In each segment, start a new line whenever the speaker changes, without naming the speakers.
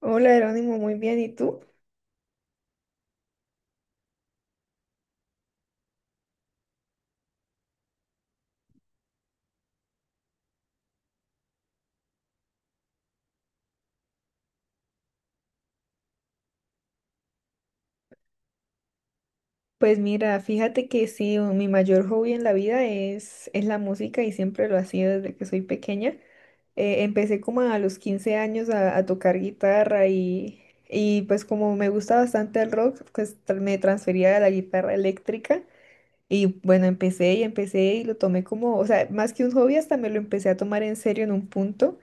Hola Jerónimo, muy bien. ¿Y tú? Pues mira, fíjate que sí, mi mayor hobby en la vida es la música y siempre lo ha sido desde que soy pequeña. Empecé como a los 15 años a tocar guitarra y pues como me gusta bastante el rock, pues me transferí a la guitarra eléctrica y bueno, empecé y empecé y lo tomé como, o sea, más que un hobby, hasta me lo empecé a tomar en serio en un punto.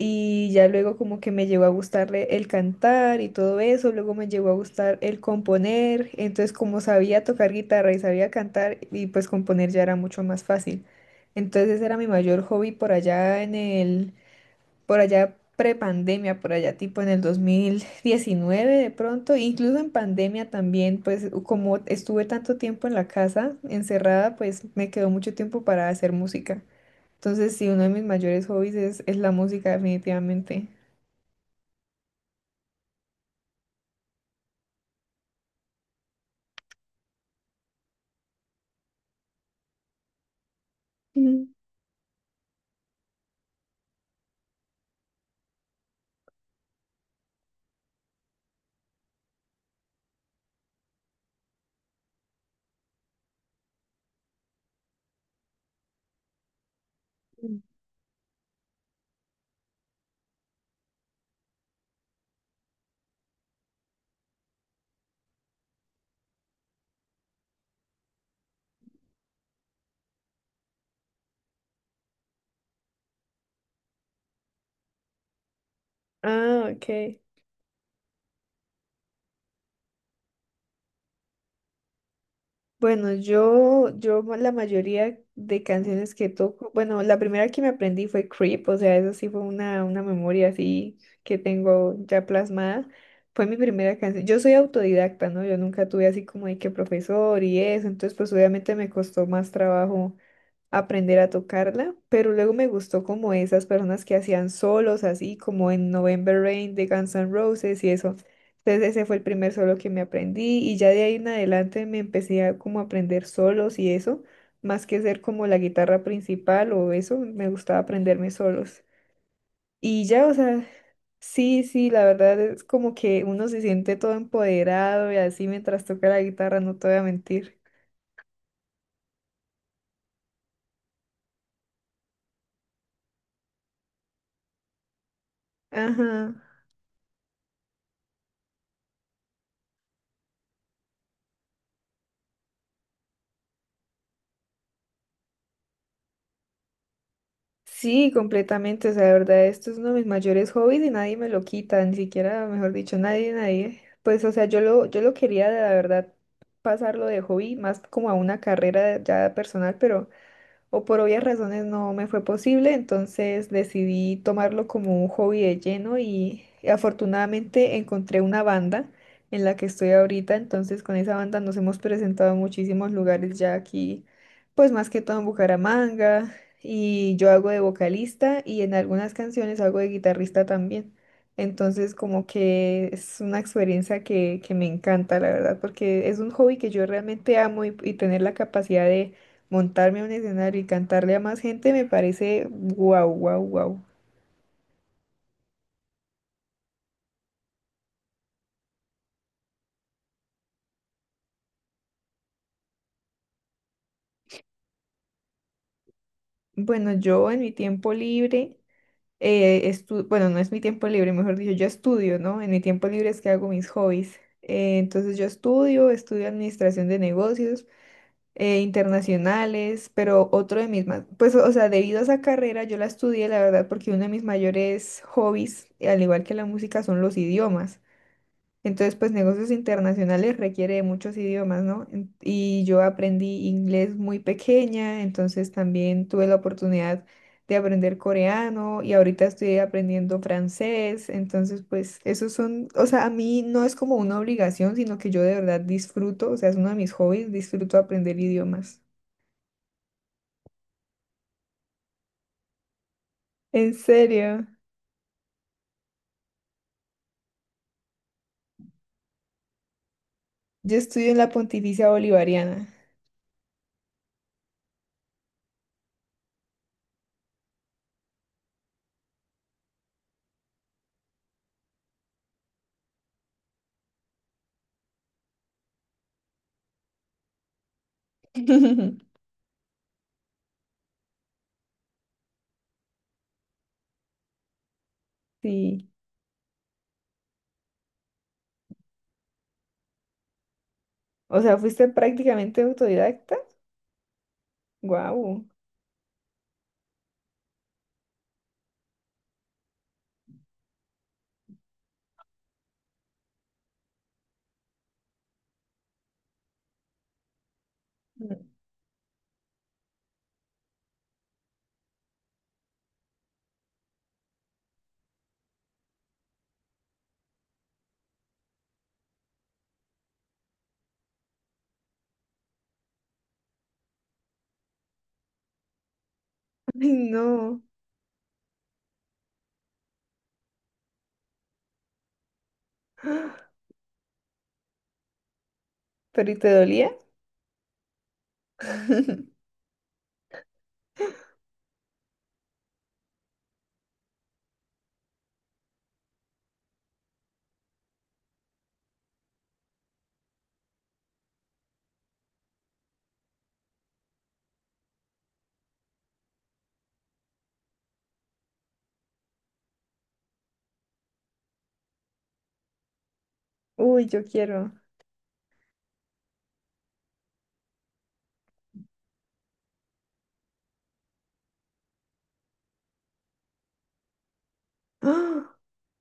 Y ya luego como que me llegó a gustarle el cantar y todo eso, luego me llegó a gustar el componer, entonces como sabía tocar guitarra y sabía cantar y pues componer ya era mucho más fácil. Entonces ese era mi mayor hobby por allá por allá prepandemia, por allá tipo en el 2019 de pronto, incluso en pandemia también, pues como estuve tanto tiempo en la casa encerrada, pues me quedó mucho tiempo para hacer música. Entonces, sí, uno de mis mayores hobbies es la música, definitivamente. Ujú. Ah, ok. Bueno, yo la mayoría de canciones que toco, bueno, la primera que me aprendí fue Creep, o sea, eso sí fue una memoria así que tengo ya plasmada. Fue mi primera canción. Yo soy autodidacta, ¿no? Yo nunca tuve así como de que profesor y eso, entonces pues obviamente me costó más trabajo aprender a tocarla, pero luego me gustó como esas personas que hacían solos así, como en November Rain de Guns N' Roses y eso. Entonces ese fue el primer solo que me aprendí y ya de ahí en adelante me empecé a como aprender solos y eso, más que ser como la guitarra principal o eso, me gustaba aprenderme solos. Y ya, o sea, sí, sí, la verdad es como que uno se siente todo empoderado y así mientras toca la guitarra, no te voy a mentir. Ajá. Sí, completamente. O sea, de verdad, esto es uno de mis mayores hobbies y nadie me lo quita, ni siquiera, mejor dicho, nadie, nadie. Pues, o sea, yo lo quería, la verdad, pasarlo de hobby más como a una carrera ya personal, pero o por obvias razones no me fue posible, entonces decidí tomarlo como un hobby de lleno y afortunadamente encontré una banda en la que estoy ahorita, entonces con esa banda nos hemos presentado en muchísimos lugares ya aquí, pues más que todo en Bucaramanga y yo hago de vocalista y en algunas canciones hago de guitarrista también. Entonces como que es una experiencia que me encanta, la verdad, porque es un hobby que yo realmente amo y tener la capacidad de montarme a un escenario y cantarle a más gente me parece guau, guau, guau. Bueno, yo en mi tiempo libre, bueno, no es mi tiempo libre, mejor dicho, yo estudio, ¿no? En mi tiempo libre es que hago mis hobbies. Entonces yo estudio, estudio administración de negocios internacionales, pero otro de mis más, pues, o sea, debido a esa carrera yo la estudié, la verdad, porque uno de mis mayores hobbies, al igual que la música, son los idiomas. Entonces, pues negocios internacionales requiere de muchos idiomas, ¿no? Y yo aprendí inglés muy pequeña, entonces también tuve la oportunidad de aprender coreano y ahorita estoy aprendiendo francés, entonces pues esos son, o sea, a mí no es como una obligación, sino que yo de verdad disfruto, o sea, es uno de mis hobbies, disfruto aprender idiomas. ¿En serio? Yo estudio en la Pontificia Bolivariana. Sí. O sea, fuiste prácticamente autodidacta. Guau. Mm. Ay, no. ¿Pero y te dolía? Uy, yo quiero. ¡Ah!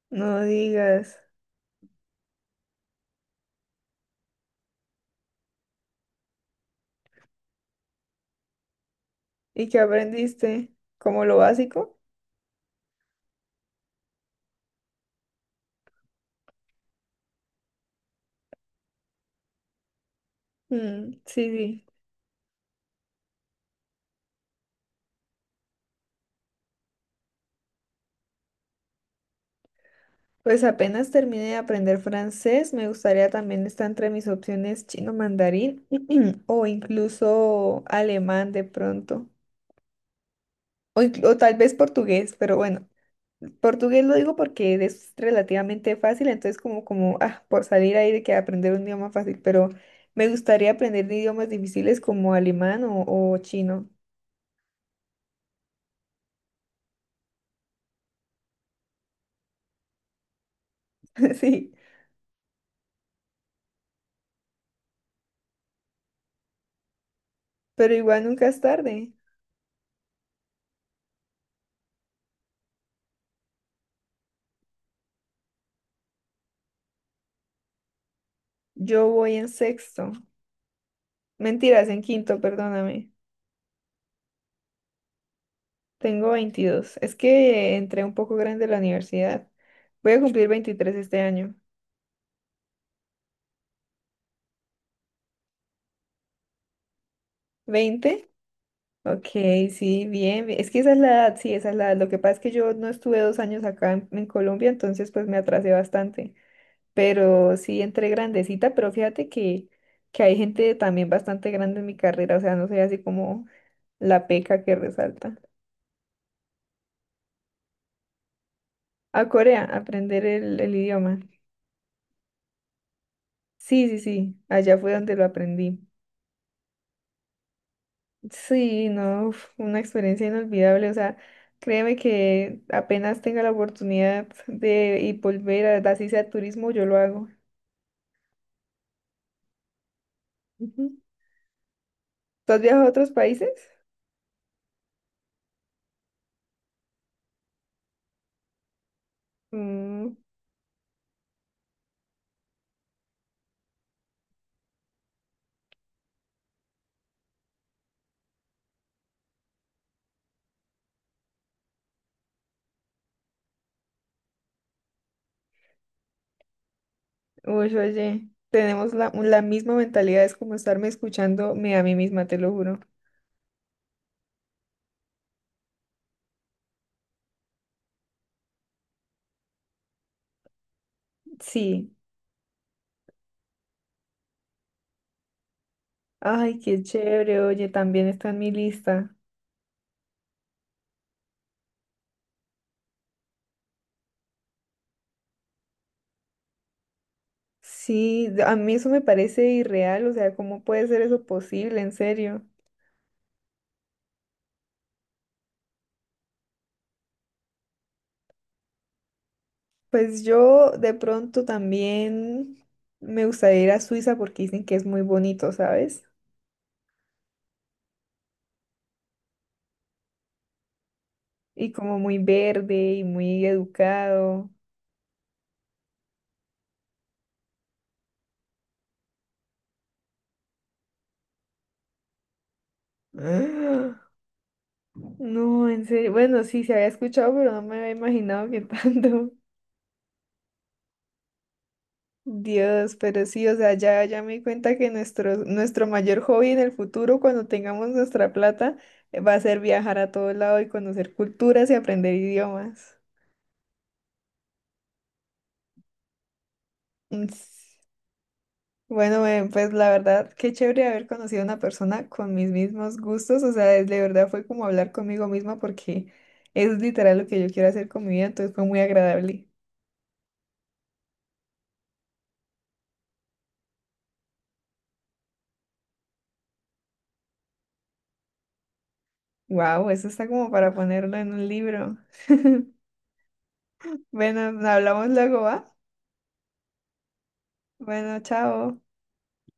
No digas. ¿Y qué aprendiste? ¿Como lo básico? Mm, sí, sí. Pues apenas termine de aprender francés, me gustaría también estar entre mis opciones chino mandarín o incluso alemán de pronto. O, o tal vez portugués, pero bueno, portugués lo digo porque es relativamente fácil, entonces como, por salir ahí de que aprender un idioma fácil, pero me gustaría aprender de idiomas difíciles como alemán o chino. Sí, pero igual nunca es tarde. Yo voy en sexto, mentiras, en quinto, perdóname. Tengo 22. Es que entré un poco grande a la universidad. Voy a cumplir 23 este año. 20. Ok, sí, bien, bien. Es que esa es la edad, sí, esa es la edad. Lo que pasa es que yo no estuve 2 años acá en Colombia, entonces pues me atrasé bastante. Pero sí, entré grandecita, pero fíjate que hay gente también bastante grande en mi carrera, o sea, no soy así como la peca que resalta. A Corea, aprender el idioma. Sí, sí, sí, allá fue donde lo aprendí. Sí, no, uf, una experiencia inolvidable. O sea, créeme que apenas tenga la oportunidad de y volver a, así sea turismo, yo lo hago. Ujú. ¿Tú has viajado a otros países? Mm, uy, oye, tenemos la misma mentalidad, es como estarme escuchándome a mí misma, te lo juro. Sí. Ay, qué chévere, oye, también está en mi lista. Sí, de- a mí eso me parece irreal, o sea, ¿cómo puede ser eso posible, en serio? Pues yo de pronto también me gustaría ir a Suiza porque dicen que es muy bonito, ¿sabes? Y como muy verde y muy educado. ¡Ah! No, en serio. Bueno, sí, se había escuchado, pero no me había imaginado que tanto. Dios, pero sí, o sea, ya me di cuenta que nuestro mayor hobby en el futuro, cuando tengamos nuestra plata, va a ser viajar a todo lado y conocer culturas y aprender idiomas. Mm, Bueno, pues la verdad, qué chévere haber conocido a una persona con mis mismos gustos, o sea, de verdad fue como hablar conmigo misma porque es literal lo que yo quiero hacer con mi vida, entonces fue muy agradable. Wow, eso está como para ponerlo en un libro. Bueno, hablamos luego, ¿va? Bueno, chao.